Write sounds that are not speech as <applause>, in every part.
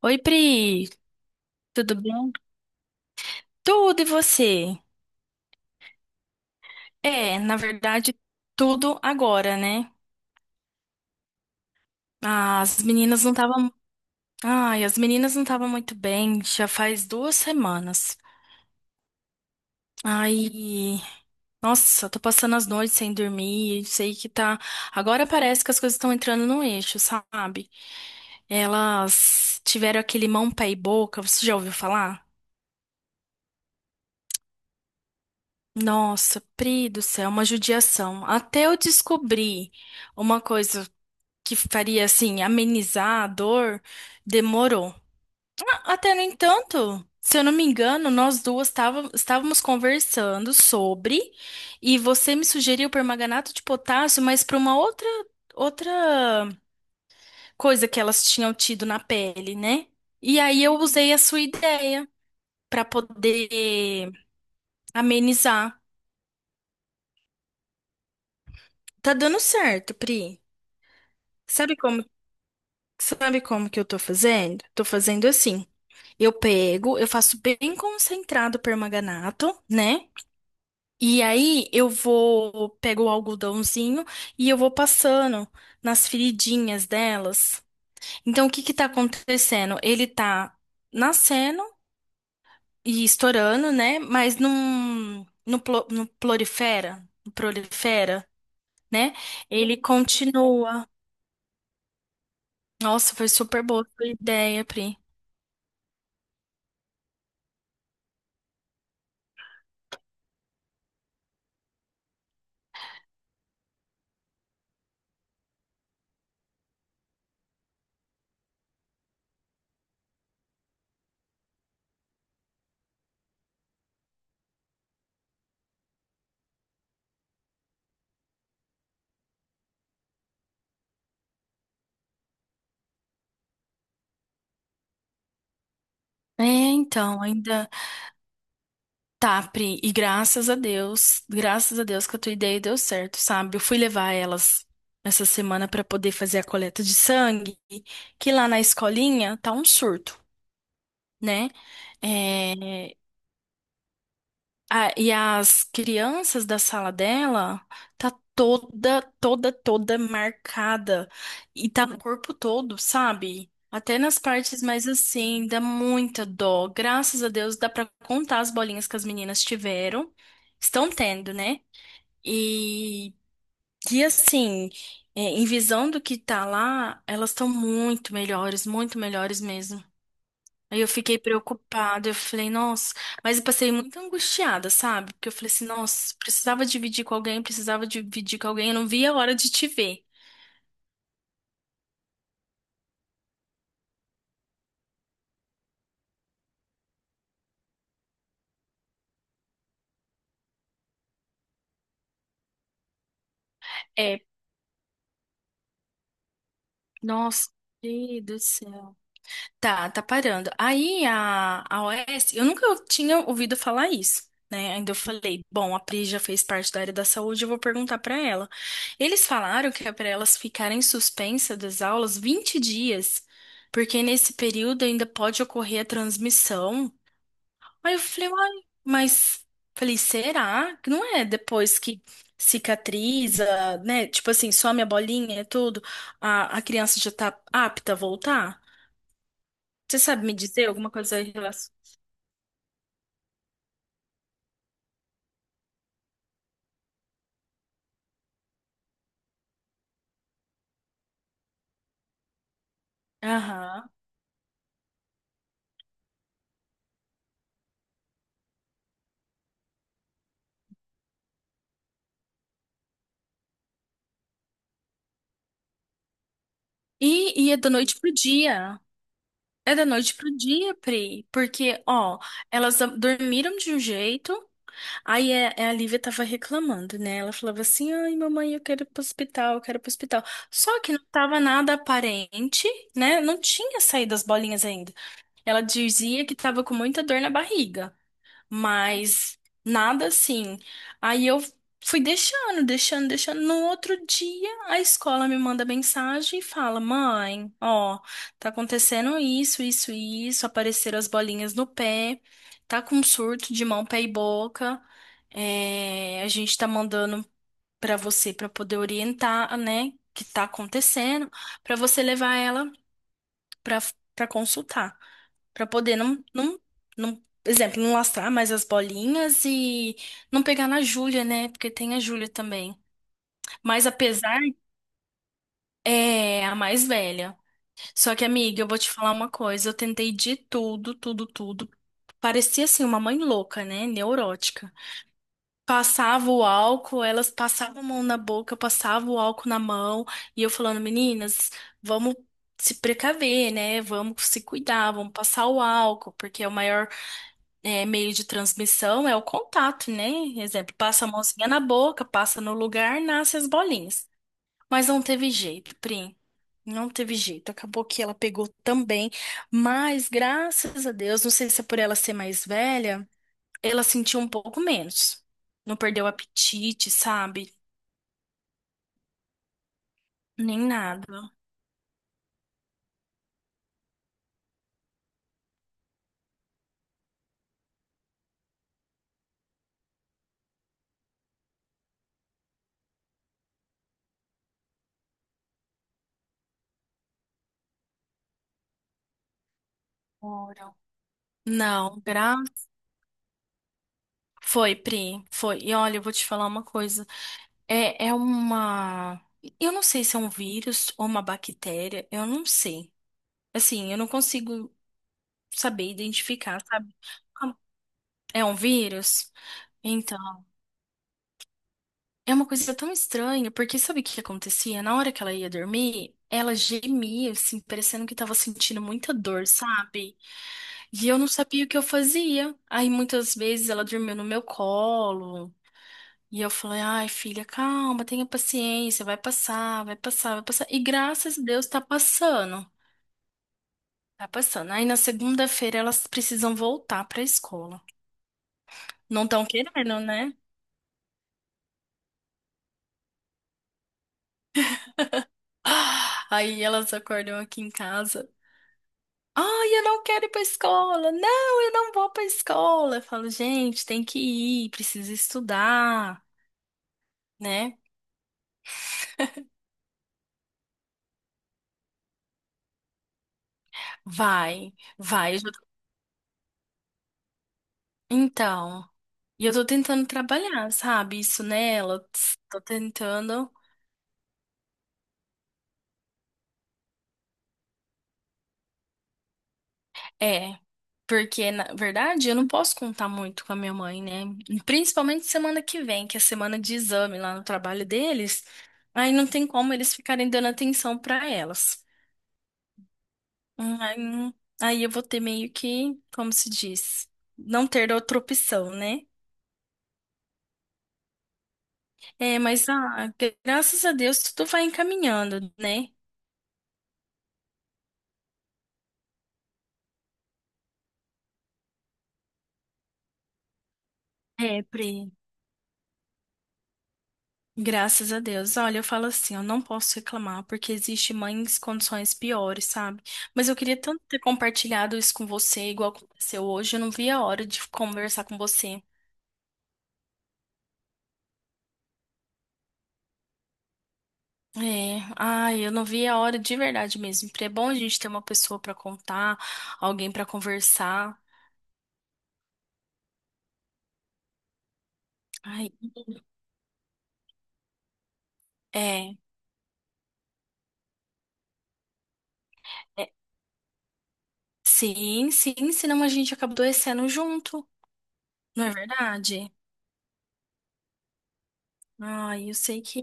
Oi, Pri, tudo bom? Tudo e você? É, na verdade, tudo agora, né? As meninas não estavam. Ai, as meninas não estavam muito bem, já faz duas semanas. Aí, nossa, eu tô passando as noites sem dormir, sei que tá. Agora parece que as coisas estão entrando no eixo, sabe? Elas tiveram aquele mão, pé e boca, você já ouviu falar? Nossa, Pri do céu, uma judiação. Até eu descobri uma coisa, que faria assim amenizar a dor, demorou. Até no entanto, se eu não me engano, nós duas estávamos conversando sobre e você me sugeriu permanganato de potássio, mas para uma outra coisa que elas tinham tido na pele, né? E aí eu usei a sua ideia para poder amenizar. Tá dando certo, Pri. Sabe como Sabe como que eu tô fazendo? Tô fazendo assim. Eu pego, eu faço bem concentrado permanganato, né? E aí eu vou, pego o algodãozinho e eu vou passando nas feridinhas delas. Então o que que tá acontecendo? Ele tá nascendo e estourando, né? Mas num, no, plo- no prolifera, né? Ele continua. Nossa, foi super boa a sua ideia, Pri. É, então, ainda. Tá, Pri, e graças a Deus que a tua ideia deu certo, sabe? Eu fui levar elas essa semana pra poder fazer a coleta de sangue, que lá na escolinha tá um surto, né? É, ah, e as crianças da sala dela tá toda marcada. E tá no corpo todo, sabe? Até nas partes mais assim, dá muita dó. Graças a Deus dá pra contar as bolinhas que as meninas tiveram. Estão tendo, né? E, e assim, é, em visão do que tá lá, elas estão muito melhores mesmo. Aí eu fiquei preocupada, eu falei, nossa, mas eu passei muito angustiada, sabe? Porque eu falei assim, nossa, precisava dividir com alguém, precisava dividir com alguém, eu não via a hora de te ver. É, nossa, Deus do céu. Tá, tá parando. Aí a OS eu nunca tinha ouvido falar isso. Né? Ainda eu falei, bom, a Pri já fez parte da área da saúde, eu vou perguntar pra ela. Eles falaram que é para elas ficarem suspensas das aulas 20 dias, porque nesse período ainda pode ocorrer a transmissão. Aí eu falei, uai, mas falei, será que não é depois que cicatriza, né? Tipo assim, some a bolinha e tudo, a criança já tá apta a voltar? Você sabe me dizer alguma coisa em relação? Aham. E é da noite pro dia. É da noite pro dia, Pri. Porque, ó, elas dormiram de um jeito. Aí é a Lívia tava reclamando, né? Ela falava assim: ai, mamãe, eu quero ir pro hospital, eu quero ir pro hospital. Só que não tava nada aparente, né? Não tinha saído as bolinhas ainda. Ela dizia que tava com muita dor na barriga, mas nada assim. Aí eu fui deixando. No outro dia, a escola me manda mensagem e fala: Mãe, ó, tá acontecendo isso, isso e isso, apareceram as bolinhas no pé, tá com um surto de mão, pé e boca. É, a gente tá mandando pra você pra poder orientar, né, que tá acontecendo, pra você levar ela pra para consultar. Pra poder não, exemplo, não lastrar mais as bolinhas e não pegar na Júlia, né? Porque tem a Júlia também. Mas apesar, é a mais velha. Só que, amiga, eu vou te falar uma coisa. Eu tentei de tudo. Parecia assim uma mãe louca, né? Neurótica. Passava o álcool, elas passavam a mão na boca, eu passava o álcool na mão, e eu falando, meninas, vamos se precaver, né? Vamos se cuidar, vamos passar o álcool, porque é o maior meio de transmissão é o contato, né? Exemplo, passa a mãozinha na boca, passa no lugar, nasce as bolinhas. Mas não teve jeito, Pri. Não teve jeito. Acabou que ela pegou também. Mas, graças a Deus, não sei se é por ela ser mais velha, ela sentiu um pouco menos. Não perdeu o apetite, sabe? Nem nada. Ora. Não, gra... foi, Pri, foi. E olha, eu vou te falar uma coisa. É, é uma. Eu não sei se é um vírus ou uma bactéria, eu não sei. Assim, eu não consigo saber identificar, sabe? Ah, é um vírus? Então, é uma coisa tão estranha, porque sabe o que que acontecia? Na hora que ela ia dormir, ela gemia, assim, parecendo que tava sentindo muita dor, sabe? E eu não sabia o que eu fazia. Aí muitas vezes ela dormiu no meu colo, e eu falei, ai, filha, calma, tenha paciência, vai passar, vai passar, vai passar. E graças a Deus tá passando, tá passando. Aí na segunda-feira elas precisam voltar pra escola. Não estão querendo, né? <gasps> Ah, aí elas acordam aqui em casa. Ai, eu não quero ir pra escola. Não, eu não vou pra escola. Eu falo, gente, tem que ir, precisa estudar, né? Vai, vai. Então, e eu tô tentando trabalhar, sabe? Isso nela. Tô tentando. É, porque na verdade eu não posso contar muito com a minha mãe, né? Principalmente semana que vem, que é semana de exame lá no trabalho deles. Aí não tem como eles ficarem dando atenção pra elas. Aí, não- aí eu vou ter meio que, como se diz, não ter outra opção, né? É, mas ah, graças a Deus tudo vai encaminhando, né? É, Pri. Graças a Deus. Olha, eu falo assim, eu não posso reclamar, porque existe mães em condições piores, sabe? Mas eu queria tanto ter compartilhado isso com você, igual aconteceu hoje. Eu não vi a hora de conversar com você. É, ai, eu não vi a hora de verdade mesmo. Porque é bom a gente ter uma pessoa pra contar, alguém pra conversar. Ai, é, é, sim, sim, senão a gente acaba adoecendo junto, não é verdade? Ai, eu sei que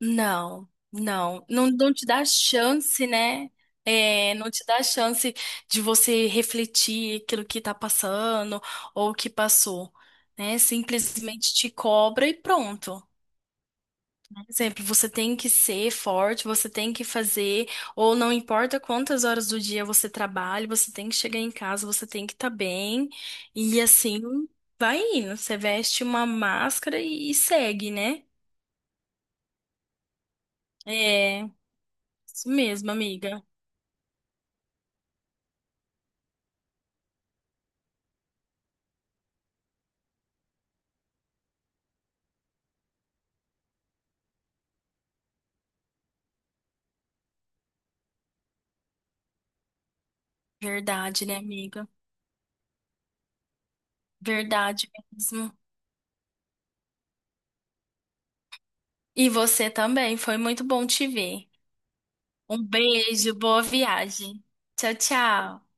não, não te dá chance, né? É, não te dá chance de você refletir aquilo que tá passando ou que passou, né? Simplesmente te cobra e pronto. Por exemplo, você tem que ser forte, você tem que fazer, ou não importa quantas horas do dia você trabalha, você tem que chegar em casa, você tem que estar bem, e assim vai indo. Você veste uma máscara e segue, né? É, isso mesmo, amiga. Verdade, né, amiga? Verdade mesmo. E você também, foi muito bom te ver. Um beijo, boa viagem. Tchau, tchau.